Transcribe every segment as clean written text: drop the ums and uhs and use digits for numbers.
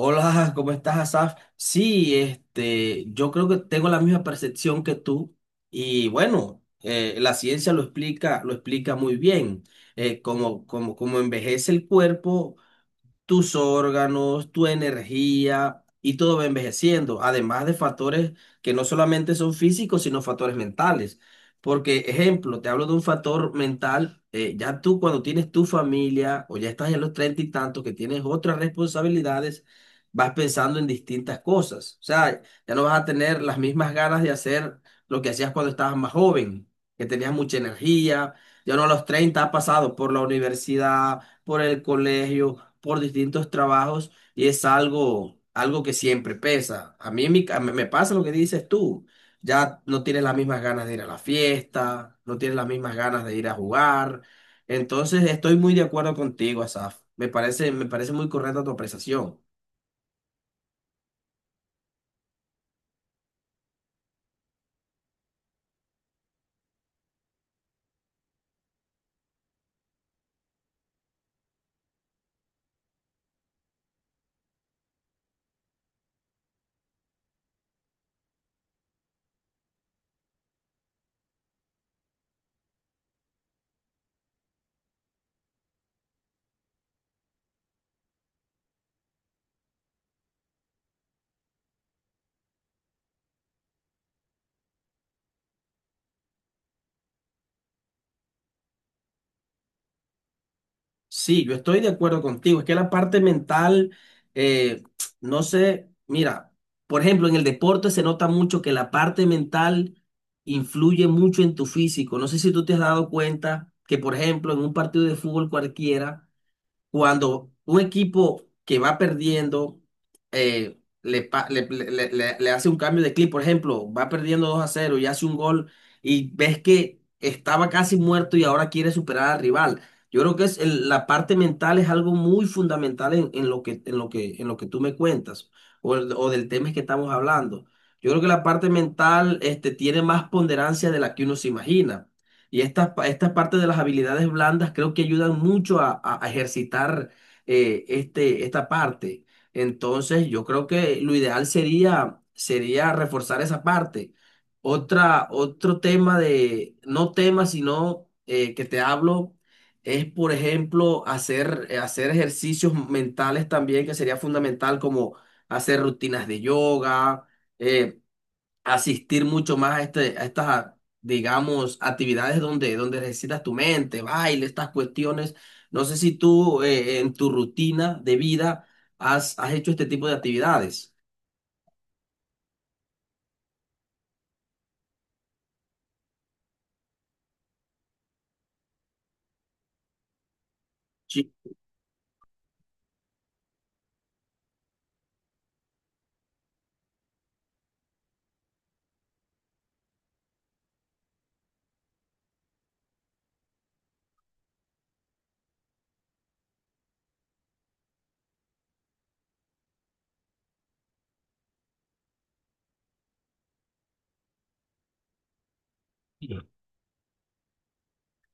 Hola, ¿cómo estás, Asaf? Sí, yo creo que tengo la misma percepción que tú y bueno, la ciencia lo explica muy bien. Como envejece el cuerpo, tus órganos, tu energía y todo va envejeciendo, además de factores que no solamente son físicos, sino factores mentales. Porque, ejemplo, te hablo de un factor mental, ya tú cuando tienes tu familia o ya estás en los treinta y tantos que tienes otras responsabilidades, vas pensando en distintas cosas. O sea, ya no vas a tener las mismas ganas de hacer lo que hacías cuando estabas más joven, que tenías mucha energía, ya no a los 30 has pasado por la universidad, por el colegio por distintos trabajos y es algo que siempre pesa. A mí me pasa lo que dices tú. Ya no tienes las mismas ganas de ir a la fiesta, no tienes las mismas ganas de ir a jugar. Entonces estoy muy de acuerdo contigo, Asaf. Me parece muy correcta tu apreciación. Sí, yo estoy de acuerdo contigo. Es que la parte mental, eh, no sé, mira, por ejemplo, en el deporte se nota mucho que la parte mental influye mucho en tu físico. No sé si tú te has dado cuenta que, por ejemplo, en un partido de fútbol cualquiera, cuando un equipo que va perdiendo le, pa- le- le- le- le- le hace un cambio de clip, por ejemplo, va perdiendo 2 a cero y hace un gol y ves que estaba casi muerto y ahora quiere superar al rival. Yo creo que la parte mental es algo muy fundamental en lo que, en lo que, en lo que tú me cuentas o del tema que estamos hablando. Yo creo que la parte mental tiene más ponderancia de la que uno se imagina. Y esta parte de las habilidades blandas creo que ayudan mucho a ejercitar esta parte. Entonces, yo creo que lo ideal sería reforzar esa parte. Otro tema de, no tema, sino que te hablo, es, por ejemplo, hacer ejercicios mentales también, que sería fundamental, como hacer rutinas de yoga, eh, asistir mucho más a, este, a estas, a- digamos, actividades donde, donde necesitas tu mente, baile, estas cuestiones. No sé si tú en tu rutina de vida has hecho este tipo de actividades. Sí.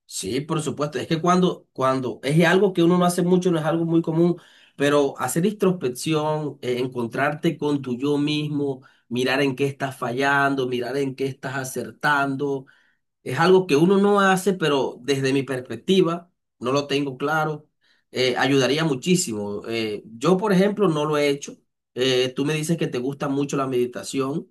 Sí, por supuesto. Es que cuando es algo que uno no hace mucho, no es algo muy común, pero hacer introspección, encontrarte con tu yo mismo, mirar en qué estás fallando, mirar en qué estás acertando. Es algo que uno no hace, pero desde mi perspectiva, no lo tengo claro, ayudaría muchísimo. Yo, por ejemplo, no lo he hecho. Tú me dices que te gusta mucho la meditación.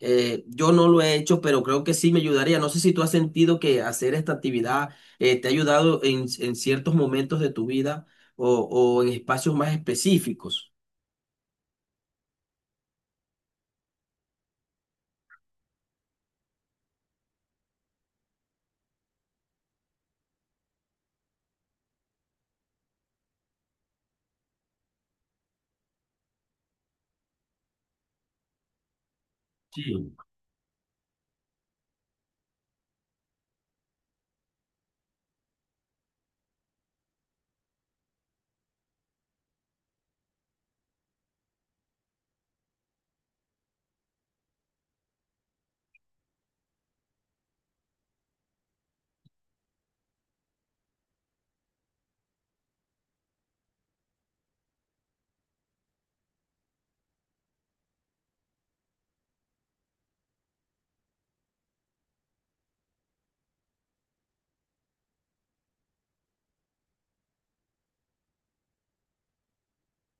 Yo no lo he hecho, pero creo que sí me ayudaría. No sé si tú has sentido que hacer esta actividad te ha ayudado en ciertos momentos de tu vida o en espacios más específicos. Sí.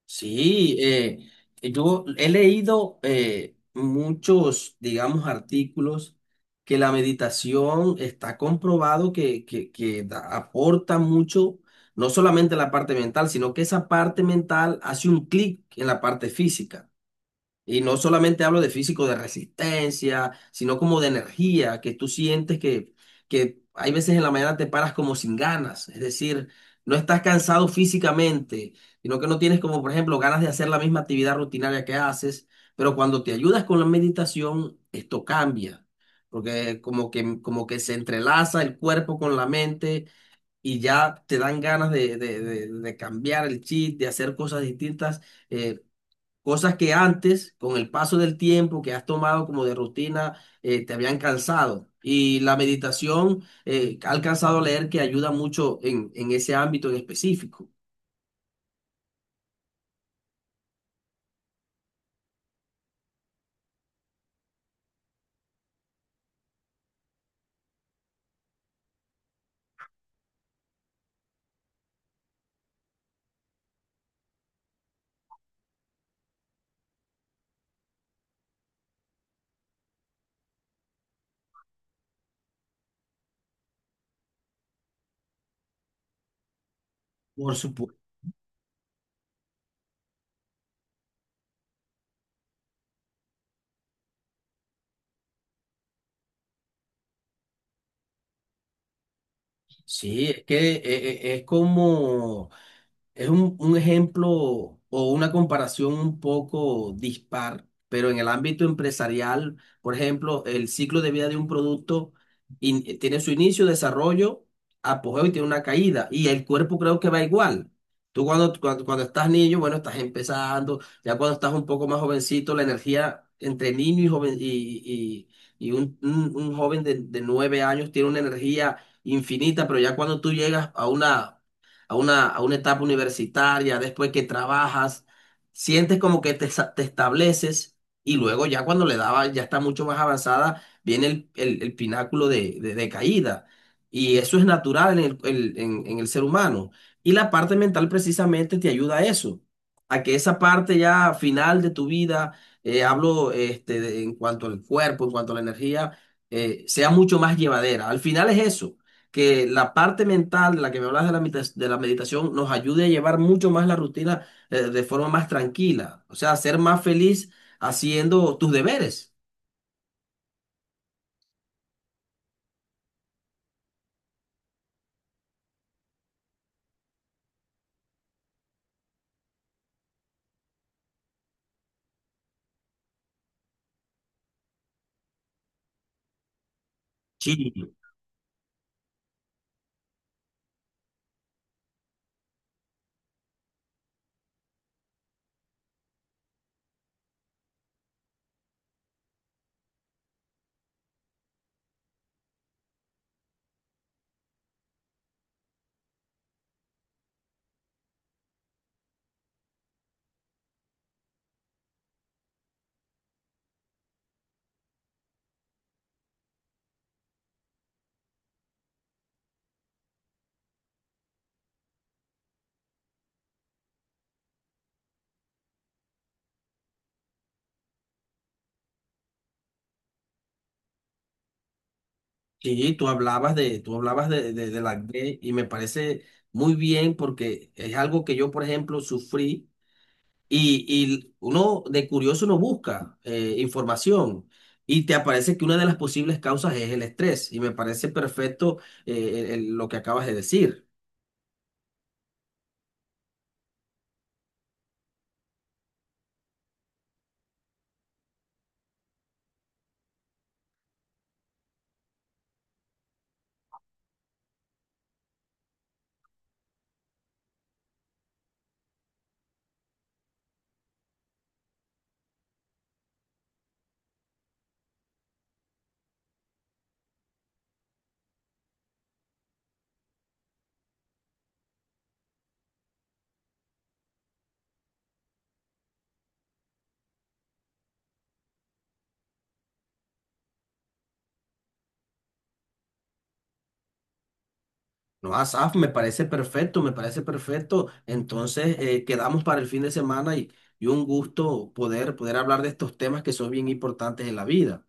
Sí, yo he leído muchos, digamos, artículos que la meditación está comprobado que aporta mucho, no solamente la parte mental, sino que esa parte mental hace un clic en la parte física. Y no solamente hablo de físico, de resistencia, sino como de energía, que tú sientes que hay veces en la mañana te paras como sin ganas, es decir, no estás cansado físicamente, sino que no tienes como, por ejemplo, ganas de hacer la misma actividad rutinaria que haces, pero cuando te ayudas con la meditación, esto cambia, porque como que se entrelaza el cuerpo con la mente y ya te dan ganas de cambiar el chip, de hacer cosas distintas. eh, Cosas que antes, con el paso del tiempo que has tomado como de rutina, te habían cansado. Y la meditación, ha alcanzado a leer que ayuda mucho en ese ámbito en específico. Por supuesto. Sí, es que es como... Es un ejemplo o una comparación un poco dispar, pero en el ámbito empresarial, por ejemplo, el ciclo de vida de un producto tiene su inicio, desarrollo, apogeo y tiene una caída. Y el cuerpo creo que va igual. Tú cuando estás niño, bueno, estás empezando, ya cuando estás un poco más jovencito, la energía entre niño y joven y un joven de nueve años tiene una energía infinita, pero ya cuando tú llegas a una a una etapa universitaria, después que trabajas, sientes como que te estableces y luego ya cuando le daba, ya está mucho más avanzada, viene el pináculo de caída. Y eso es natural en en el ser humano. Y la parte mental precisamente te ayuda a eso, a que esa parte ya final de tu vida, en cuanto al cuerpo, en cuanto a la energía, sea mucho más llevadera. Al final es eso, que la parte mental de la que me hablas de de la meditación nos ayude a llevar mucho más la rutina de forma más tranquila, o sea, ser más feliz haciendo tus deberes. Sí, sí, tú hablabas de la D y me parece muy bien porque es algo que yo, por ejemplo, sufrí y uno de curioso no busca información. Y te aparece que una de las posibles causas es el estrés, y me parece perfecto lo que acabas de decir. No, Asaf, me parece perfecto, me parece perfecto. Entonces, quedamos para el fin de semana y un gusto poder hablar de estos temas que son bien importantes en la vida.